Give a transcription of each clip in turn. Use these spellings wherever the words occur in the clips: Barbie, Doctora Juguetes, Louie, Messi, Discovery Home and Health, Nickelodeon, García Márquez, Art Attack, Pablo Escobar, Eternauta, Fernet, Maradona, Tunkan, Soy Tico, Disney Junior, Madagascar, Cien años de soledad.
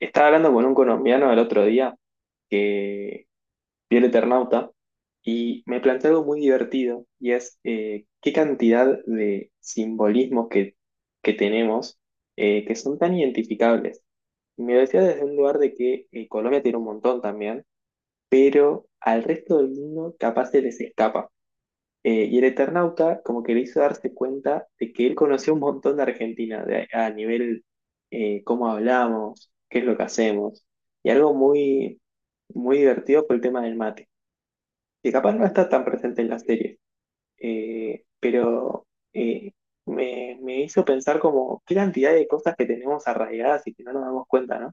Estaba hablando con un colombiano el otro día que vio el Eternauta y me planteó algo muy divertido. Y es qué cantidad de simbolismos que tenemos, que son tan identificables. Me decía desde un lugar de que Colombia tiene un montón también, pero al resto del mundo capaz se les escapa. Y el Eternauta como que le hizo darse cuenta de que él conoció un montón de Argentina a nivel cómo hablamos, qué es lo que hacemos. Y algo muy divertido fue el tema del mate, que capaz no está tan presente en la serie, pero eh, me hizo pensar como qué cantidad de cosas que tenemos arraigadas y que no nos damos cuenta, ¿no?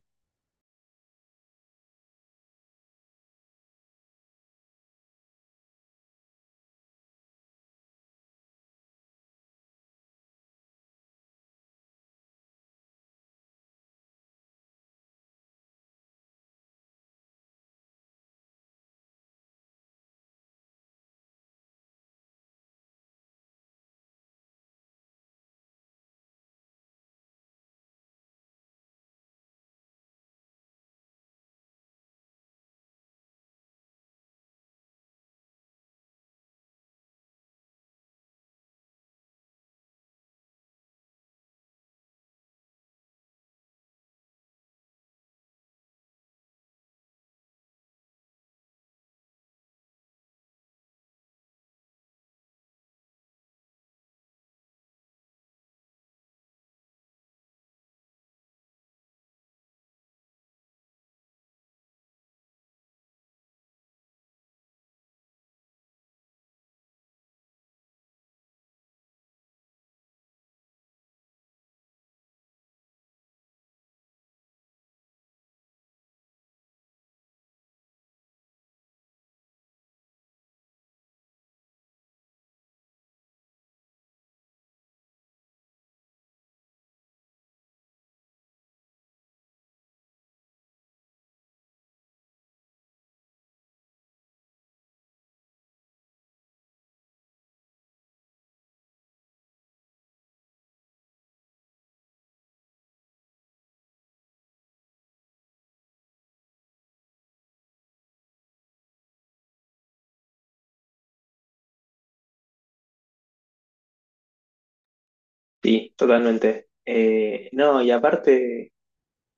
Sí, totalmente. No, y aparte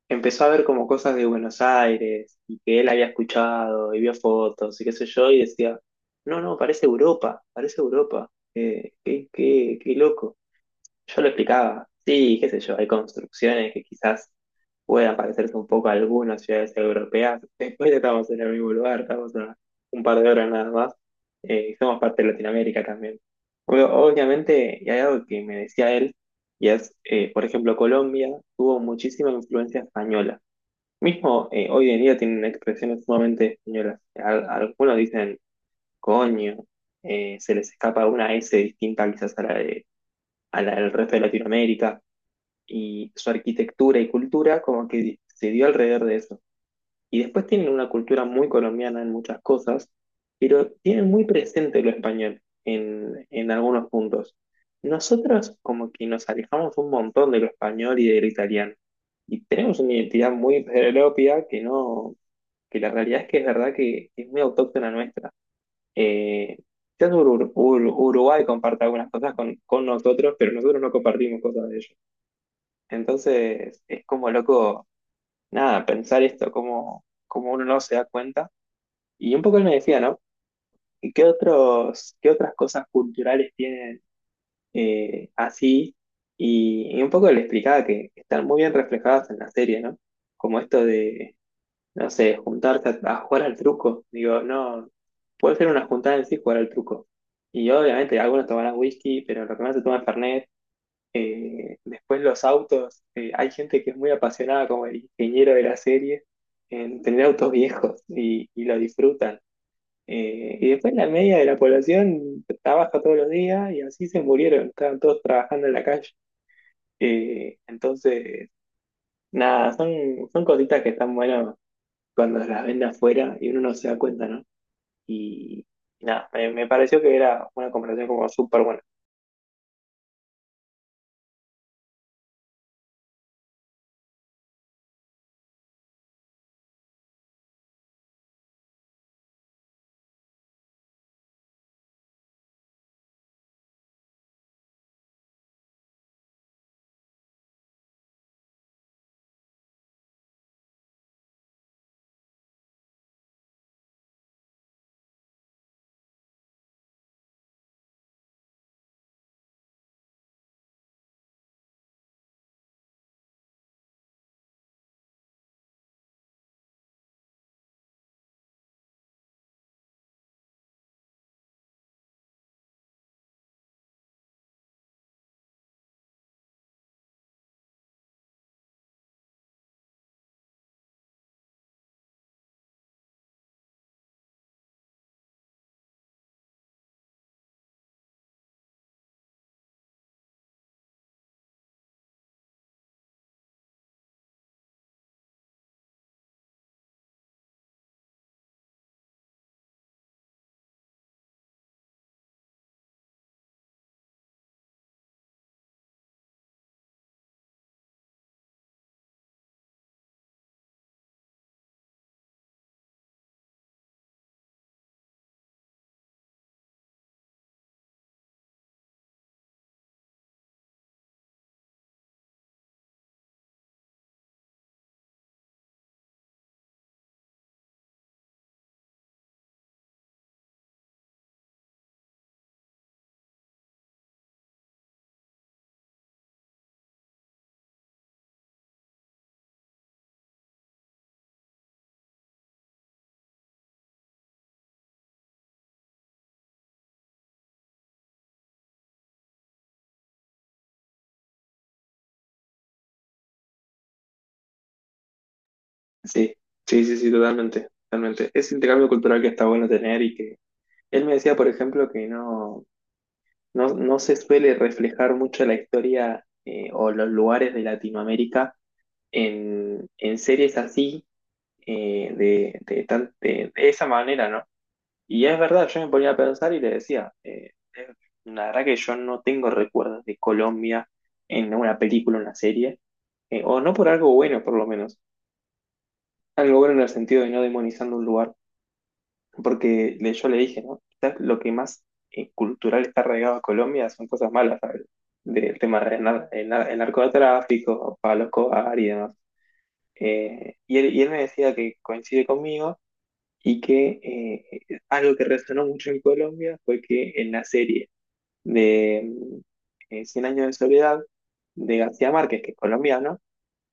empezó a ver como cosas de Buenos Aires y que él había escuchado y vio fotos y qué sé yo, y decía, no, no, parece Europa, parece Europa. ¿Qué loco? Yo lo explicaba, sí, qué sé yo, hay construcciones que quizás puedan parecerse un poco a algunas ciudades europeas, después estamos en el mismo lugar, estamos a un par de horas nada más. Somos parte de Latinoamérica también. Obviamente, y hay algo que me decía él, y es, por ejemplo, Colombia tuvo muchísima influencia española. Mismo, hoy en día tienen expresiones sumamente españolas. Algunos dicen coño, se les escapa una S distinta quizás a a la del resto de Latinoamérica, y su arquitectura y cultura como que se dio alrededor de eso. Y después tienen una cultura muy colombiana en muchas cosas, pero tienen muy presente lo español en algunos puntos. Nosotros como que nos alejamos un montón de lo español y del italiano. Y tenemos una identidad muy propia que no que la realidad es que es verdad que es muy autóctona nuestra. Eh, quizás Uruguay comparte algunas cosas con nosotros, pero nosotros no compartimos cosas de ellos. Entonces, es como loco, nada, pensar esto como uno no se da cuenta. Y un poco él me decía, ¿no? ¿Y qué qué otras cosas culturales tienen, así? Y un poco le explicaba que están muy bien reflejadas en la serie, ¿no? Como esto de no sé, juntarse a jugar al truco. Digo, no, puede ser una juntada en sí jugar al truco. Y obviamente algunos tomarán whisky, pero lo que más se toma es Fernet. Después los autos. Hay gente que es muy apasionada, como el ingeniero de la serie, en tener autos viejos y lo disfrutan. Y después la media de la población trabaja todos los días, y así se murieron, estaban todos trabajando en la calle. Entonces, nada, son cositas que están buenas cuando las ven de afuera y uno no se da cuenta, ¿no? Y nada, me pareció que era una comparación como súper buena. Sí, sí, sí, sí, totalmente, totalmente. Es intercambio cultural que está bueno tener. Y que él me decía, por ejemplo, que no se suele reflejar mucho la historia, o los lugares de Latinoamérica en series así, de esa manera, ¿no? Y es verdad, yo me ponía a pensar y le decía, eh, la verdad que yo no tengo recuerdos de Colombia en una película, una serie, o no por algo bueno, por lo menos. Algo bueno en el sentido de no demonizando un lugar, porque yo le dije, ¿no? Quizás lo que más cultural está arraigado a Colombia son cosas malas, ¿sabes? Del tema del el narcotráfico, Pablo Escobar y demás. Y él me decía que coincide conmigo, y que algo que resonó mucho en Colombia fue que en la serie de Cien años de soledad de García Márquez, que es colombiano,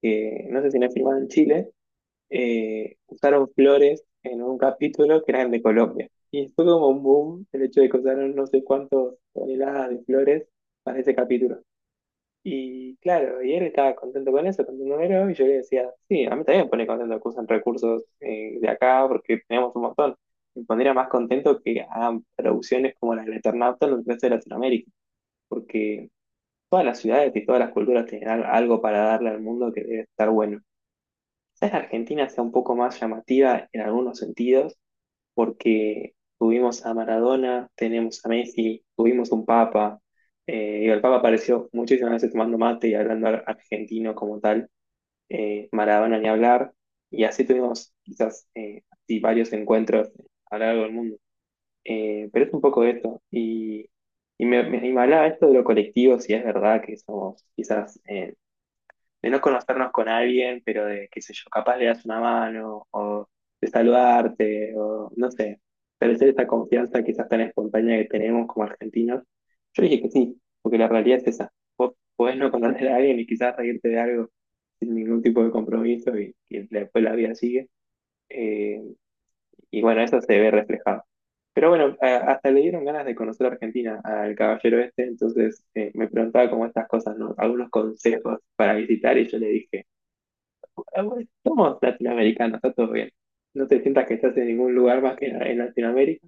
que no sé si no es filmado en Chile, usaron flores en un capítulo que eran de Colombia. Y fue como un boom el hecho de que usaron no sé cuántas toneladas de flores para ese capítulo. Y claro, y él estaba contento con eso, contento con eso. Y yo le decía, sí, a mí también me pone contento que usen recursos, de acá, porque tenemos un montón. Me pondría más contento que hagan producciones como la del Eternauta en el resto de Latinoamérica, porque todas las ciudades y todas las culturas tienen algo para darle al mundo que debe estar bueno. Quizás la Argentina sea un poco más llamativa en algunos sentidos, porque tuvimos a Maradona, tenemos a Messi, tuvimos un Papa. El Papa apareció muchísimas veces tomando mate y hablando argentino como tal. Maradona ni hablar. Y así tuvimos quizás, así, varios encuentros a lo largo del mundo. Pero es un poco esto. Y me hablaba esto de lo colectivo, si es verdad que somos quizás, de no conocernos con alguien, pero de, qué sé yo, capaz le das una mano, o de saludarte, o no sé, establecer esa confianza quizás tan espontánea que tenemos como argentinos. Yo dije que sí, porque la realidad es esa. Vos podés no conocer a alguien y quizás reírte de algo sin ningún tipo de compromiso, y después la vida sigue. Eh, y bueno, eso se ve reflejado. Pero bueno, hasta le dieron ganas de conocer a Argentina al caballero este. Entonces, me preguntaba como estas cosas, ¿no? Algunos consejos para visitar, y yo le dije, igual somos latinoamericanos, está todo bien. No te sientas que estás en ningún lugar más que en Latinoamérica.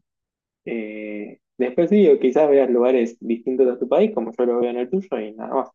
Después sí, o quizás veas lugares distintos a tu país, como yo lo veo en el tuyo, y nada más.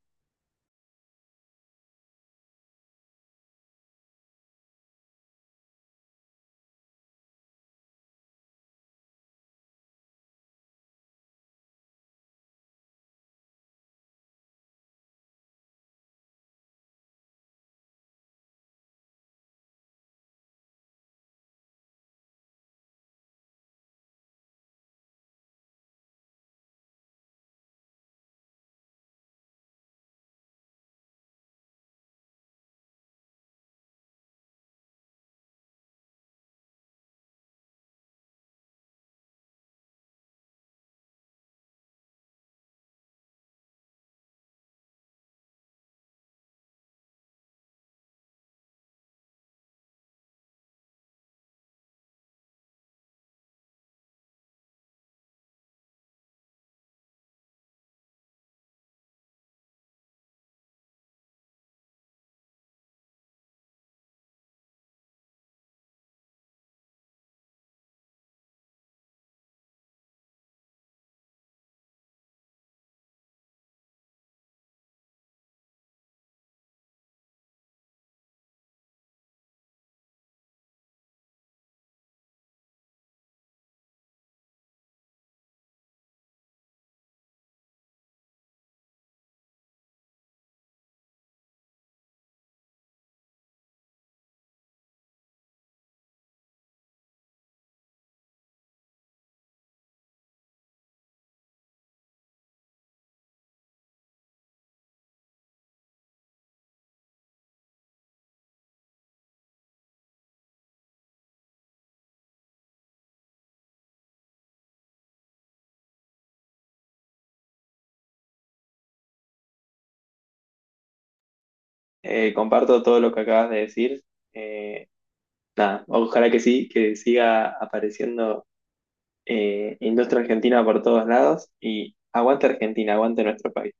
Comparto todo lo que acabas de decir. Eh, Nada, ojalá que sí, que siga apareciendo industria argentina por todos lados, y aguante Argentina, aguante nuestro país.